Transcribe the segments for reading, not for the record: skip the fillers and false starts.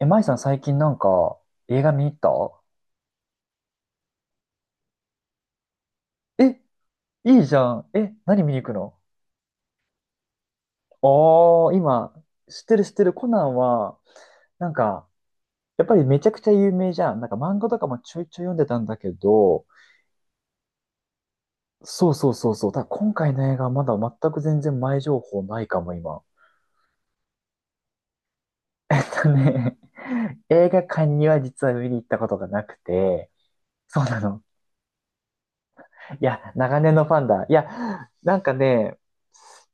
え、舞さん最近なんか映画見に行った？え、いいじゃん。え、何見に行くの？ああー、今、知ってる知ってる。コナンは、なんか、やっぱりめちゃくちゃ有名じゃん。なんか漫画とかもちょいちょい読んでたんだけど、そうそうそうそう。ただ今回の映画はまだ全く全然前情報ないかも、今。えっとね、映画館には実は見に行ったことがなくて、そうなの。いや、長年のファンだ。いや、なんかね、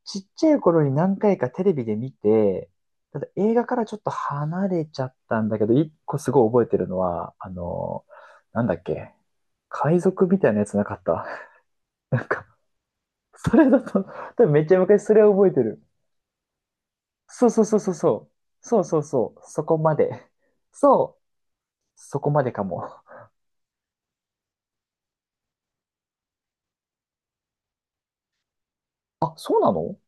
ちっちゃい頃に何回かテレビで見て、ただ映画からちょっと離れちゃったんだけど、一個すごい覚えてるのは、あの、なんだっけ、海賊みたいなやつなかった？なんか、それだと、多分めっちゃ昔それを覚えてる。そうそうそうそうそう。そうそうそう。そこまで。そう。そこまでかも。あ、そうなの？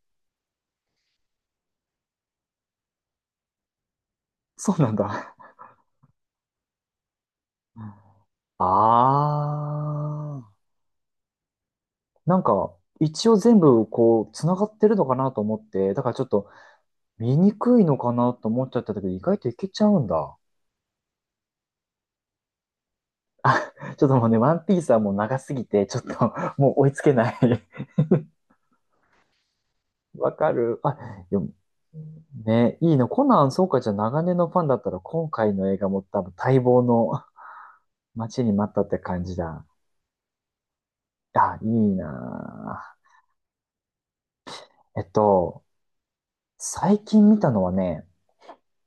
そうなんだ。ああ。なんか、一応全部こう、繋がってるのかなと思って、だからちょっと見にくいのかなと思っちゃったけど、意外といけちゃうんだ。ちょっともうね、ワンピースはもう長すぎて、ちょっと もう追いつけない わかる。あ、でも、ね、いいの。コナン、そうか、じゃあ長年のファンだったら、今回の映画も多分待望の、 待ちに待ったって感じだ。あ、いいなぁ。えっと、最近見たのはね、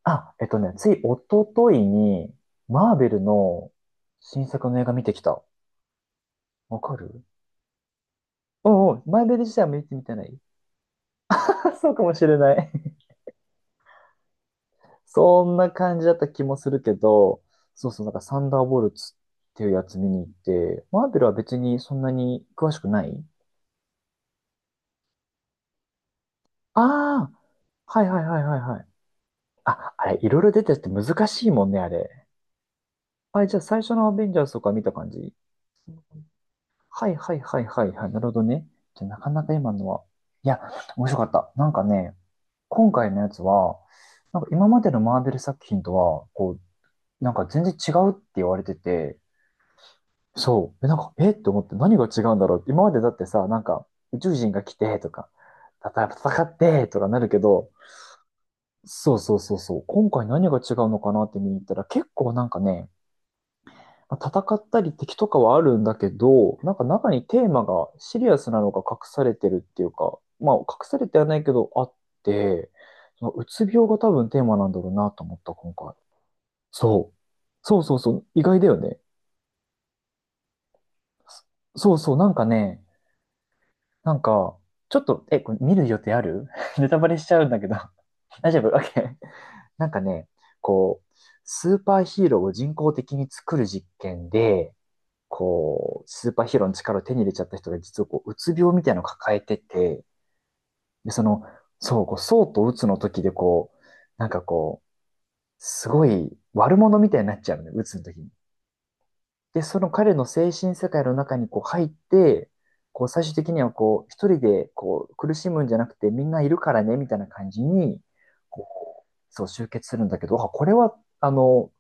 あ、つい一昨日に、マーベルの新作の映画見てきた。わかる。うんうん、マーベル自体は見てみてない。 そうかもしれない。 そんな感じだった気もするけど、そうそう、なんかサンダーボルツっていうやつ見に行って、マーベルは別にそんなに詳しくない。ああー、はいはいはいはいはい。あ、あれ、いろいろ出てて難しいもんね、あれ。あれ、じゃあ最初のアベンジャーズとか見た感じ？はいはいはいはいはい。なるほどね。じゃあなかなか今のは。いや、面白かった。なんかね、今回のやつは、なんか今までのマーベル作品とは、なんか全然違うって言われてて、そう。え、なんか、えって思って何が違うんだろうって。今までだってさ、なんか宇宙人が来てとか、戦ってとかなるけど、そうそうそうそう。今回何が違うのかなって見に行ったら結構なんかね、まあ戦ったり敵とかはあるんだけど、なんか中にテーマがシリアスなのが隠されてるっていうか、まあ隠されてはないけどあって、そのうつ病が多分テーマなんだろうなと思った、今回。そう。そうそうそう。意外だよね。そうそう。なんかね、なんか、ちょっと、え、これ見る予定ある？ ネタバレしちゃうんだけど。 大丈夫？ OK。なんかね、こう、スーパーヒーローを人工的に作る実験で、こう、スーパーヒーローの力を手に入れちゃった人が実はこう、うつ病みたいなのを抱えてて、で、その、そう、こう、そうとうつの時でこう、なんかこう、すごい悪者みたいになっちゃうのね、うつの時に。で、その彼の精神世界の中にこう入って、こう最終的にはこう、一人でこう苦しむんじゃなくてみんないるからね、みたいな感じに、こう、そう集結するんだけど、あ、これは、あの、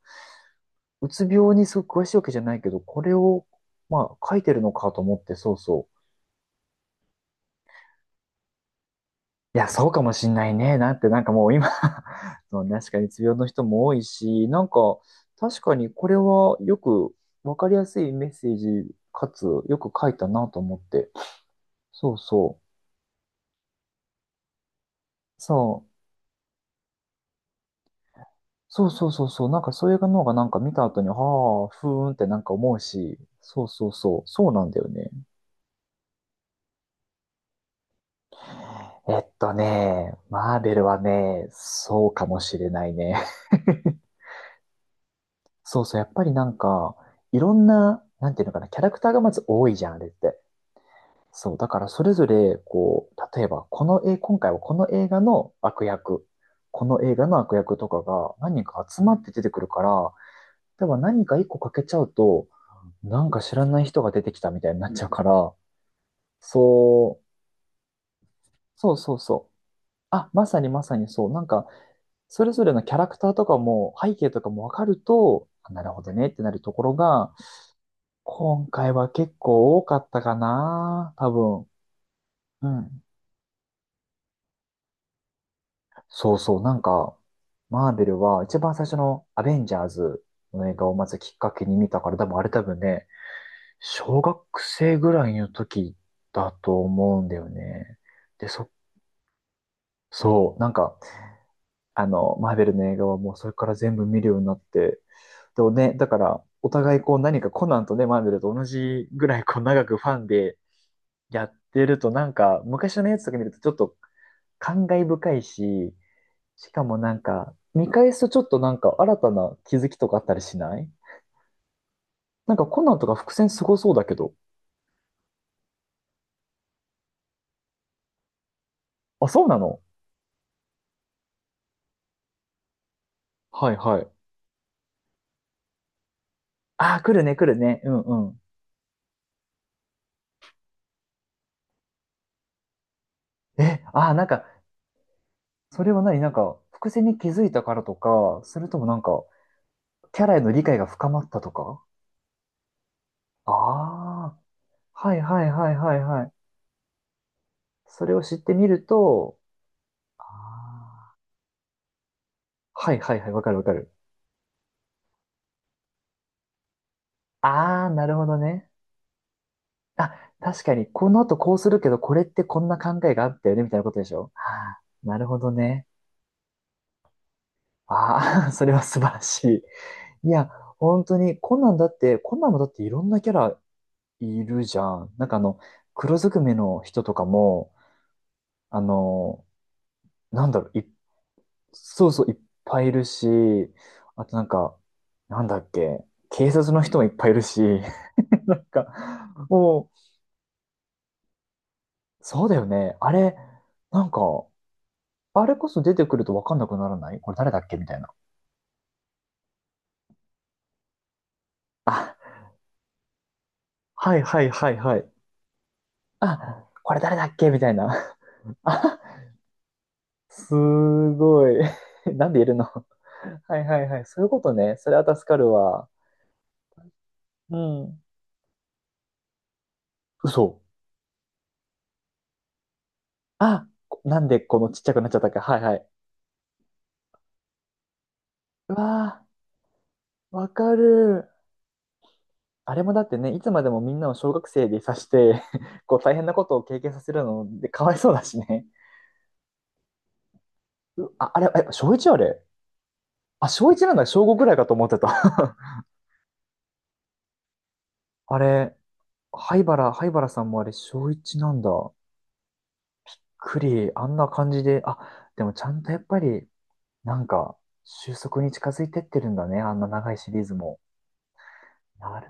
うつ病にすごく詳しいわけじゃないけど、これを、まあ、書いてるのかと思って、そうそう。いや、そうかもしんないね。なんてなんかもう今、 そう、ね、確かにうつ病の人も多いし、なんか確かにこれはよくわかりやすいメッセージかつよく書いたなと思って。そうそう。そう。そうそうそうそう。なんかそういうの方がなんか見た後に、はあ、ふーんってなんか思うし。そうそうそう。そうなんだよね。マーベルはね、そうかもしれないね。そうそう、やっぱりなんか、いろんな、なんていうのかな、キャラクターがまず多いじゃん、あれって。そう、だからそれぞれ、こう、例えば、この絵、今回はこの映画の悪役、この映画の悪役とかが何人か集まって出てくるから、例えば何か一個欠けちゃうと、なんか知らない人が出てきたみたいになっちゃうから、そう、そうそうそう。あ、まさにまさにそう。なんか、それぞれのキャラクターとかも、背景とかもわかると、あなるほどねってなるところが、今回は結構多かったかな、多分。うん。そうそう、なんか、マーベルは一番最初のアベンジャーズの映画をまずきっかけに見たから、多分あれ多分ね、小学生ぐらいの時だと思うんだよね。で、そ、そう、なんか、あの、マーベルの映画はもうそれから全部見るようになって、でもね、だから、お互いこう何かコナンとね、マーベルと同じぐらいこう長くファンでやってると、なんか、昔のやつとか見るとちょっと感慨深いし、しかもなんか、見返すとちょっとなんか新たな気づきとかあったりしない？なんかコナンとか伏線すごそうだけど。あ、そうなの？はいはい。ああ、来るね来るね。うんうん。え、ああ、なんか、それは何なんか、伏線に気づいたからとか、それともなんか、キャラへの理解が深まったとか？ああ、はいはいはいはいはい。それを知ってみると、ああ、はいはいはい、わかるわかる。ああ、なるほどね。あ、確かに、この後こうするけど、これってこんな考えがあったよね、みたいなことでしょ？はあ、なるほどね。ああ、それは素晴らしい。いや、本当に、コナンだって、コナンもだっていろんなキャラいるじゃん。なんかあの、黒ずくめの人とかも、あの、なんだろう、い、そうそう、いっぱいいるし、あとなんか、なんだっけ、警察の人もいっぱいいるし、なんか、もう、そうだよね。あれ、なんか、あれこそ出てくると分かんなくならない？これ誰だっけみたいな。あ、はいはいはいはい。あ、これ誰だっけみたいな。あ、すごい。なんでいるの？ はいはいはい。そういうことね。それは助かるわ。うん。嘘。あ、なんでこのちっちゃくなっちゃったっけ？はいはい。うわー、わかる。あれもだってね、いつまでもみんなを小学生でいさして こう大変なことを経験させるのでかわいそうだしね。うあ、あれ、え、小1あれ？あ、小1なんだ。小5くらいかと思ってた。あれ、灰原、灰原さんもあれ、小一なんだ。クリ、あんな感じで、あ、でもちゃんとやっぱり、なんか、収束に近づいてってるんだね、あんな長いシリーズも。なる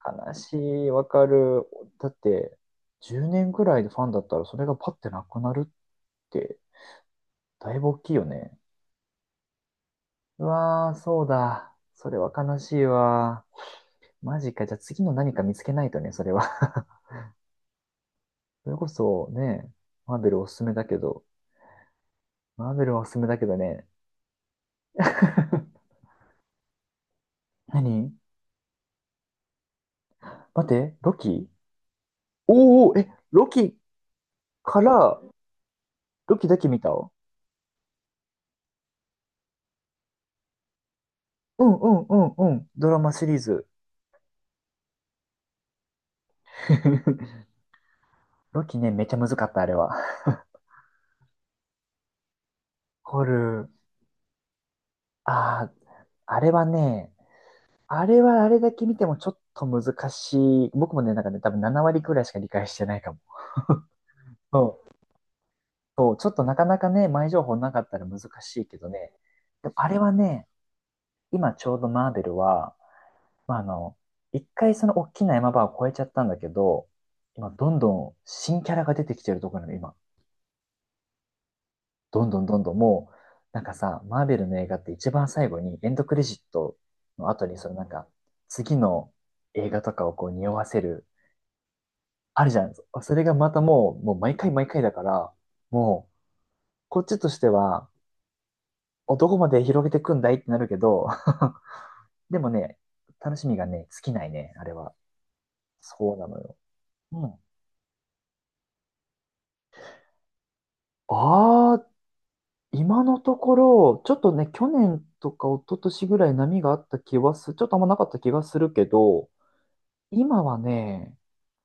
ほど。悲しい、わかる。だって、10年ぐらいでファンだったら、それがパッてなくなるって、だいぶ大きいよね。うわー、そうだ。それは悲しいわ。マジか。じゃあ次の何か見つけないとね、それは。それこそね、マーベルおすすめだけど、マーベルはおすすめだけどね、何待って、ロキ。おーおー、え、ロキから、ロキだけ見た。うんうんうんうん。ドラマシリーズ。ロキね、めっちゃむずかった、あれは。ホル、あー、あれはね、あれはあれだけ見てもちょっと難しい。僕もね、なんかね、多分7割くらいしか理解してないかも。そう。そう、ちょっとなかなかね、前情報なかったら難しいけどね。でもあれはね、今ちょうどマーベルは、まあ、一回その大きな山場を越えちゃったんだけど、今どんどん新キャラが出てきてるところなの、今。どんどんどんどんもう、なんかさ、マーベルの映画って一番最後にエンドクレジットの後にその次の映画とかをこう匂わせる、あるじゃん。それがまたもう、もう毎回毎回だから、もう、こっちとしては、おどこまで広げてくんだいってなるけど、でもね、楽しみがね、尽きないね、あれは。そうなのよ。うん。あ、今のところ、ちょっとね、去年とか一昨年ぐらい波があった気はす、ちょっとあんまなかった気がするけど、今はね、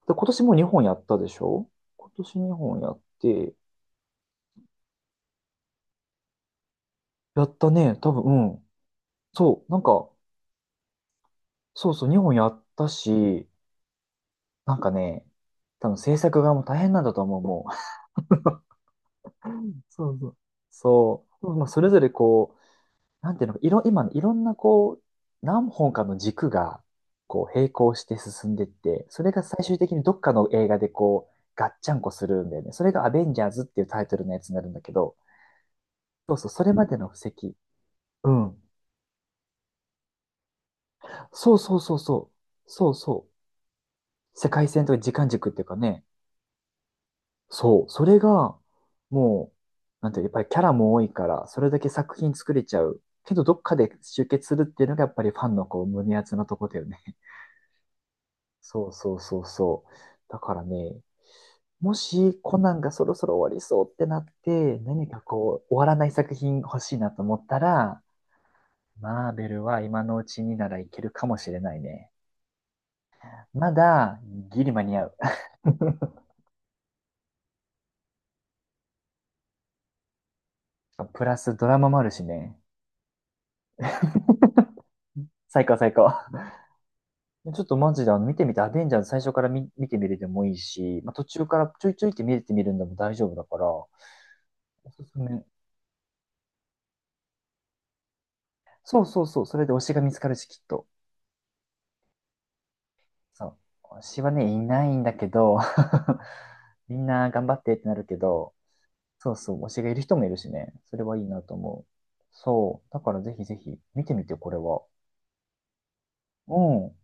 で今年も2本やったでしょ。今年2本やって、やったね、多分、うん。そう、なんか、そうそう、2本やったし、なんかね、多分制作側も大変なんだと思う、もう。そうそう。そう。まあ、それぞれこ、なんていうのか、いろ、今のいろんなこう、何本かの軸が、こう、並行して進んでって、それが最終的にどっかの映画でこう、ガッチャンコするんだよね。それがアベンジャーズっていうタイトルのやつになるんだけど、そうそう、それまでの布石。うん。そうそうそうそう。そうそう、世界線とか時間軸っていうかね。そう。それが、もう、なんていうの、やっぱりキャラも多いから、それだけ作品作れちゃう。けど、どっかで集結するっていうのが、やっぱりファンのこう、胸熱なとこだよね。そうそうそうそう。だからね、もしコナンがそろそろ終わりそうってなって、何かこう、終わらない作品欲しいなと思ったら、マーベルは今のうちにならいけるかもしれないね。まだ、ギリ間に合う。プラスドラマもあるしね。最高最高。ちょっとマジであの見てみて、アベンジャーズ最初から見、見てみるでもいいし、まあ、途中からちょいちょいって見れてみるんでも大丈夫だから、おすすめ。そうそうそう、それで推しが見つかるし、きっと。そう。推しはね、いないんだけど、みんな頑張ってってなるけど、そうそう、推しがいる人もいるしね。それはいいなと思う。そう。だからぜひぜひ見てみて、これは。うん。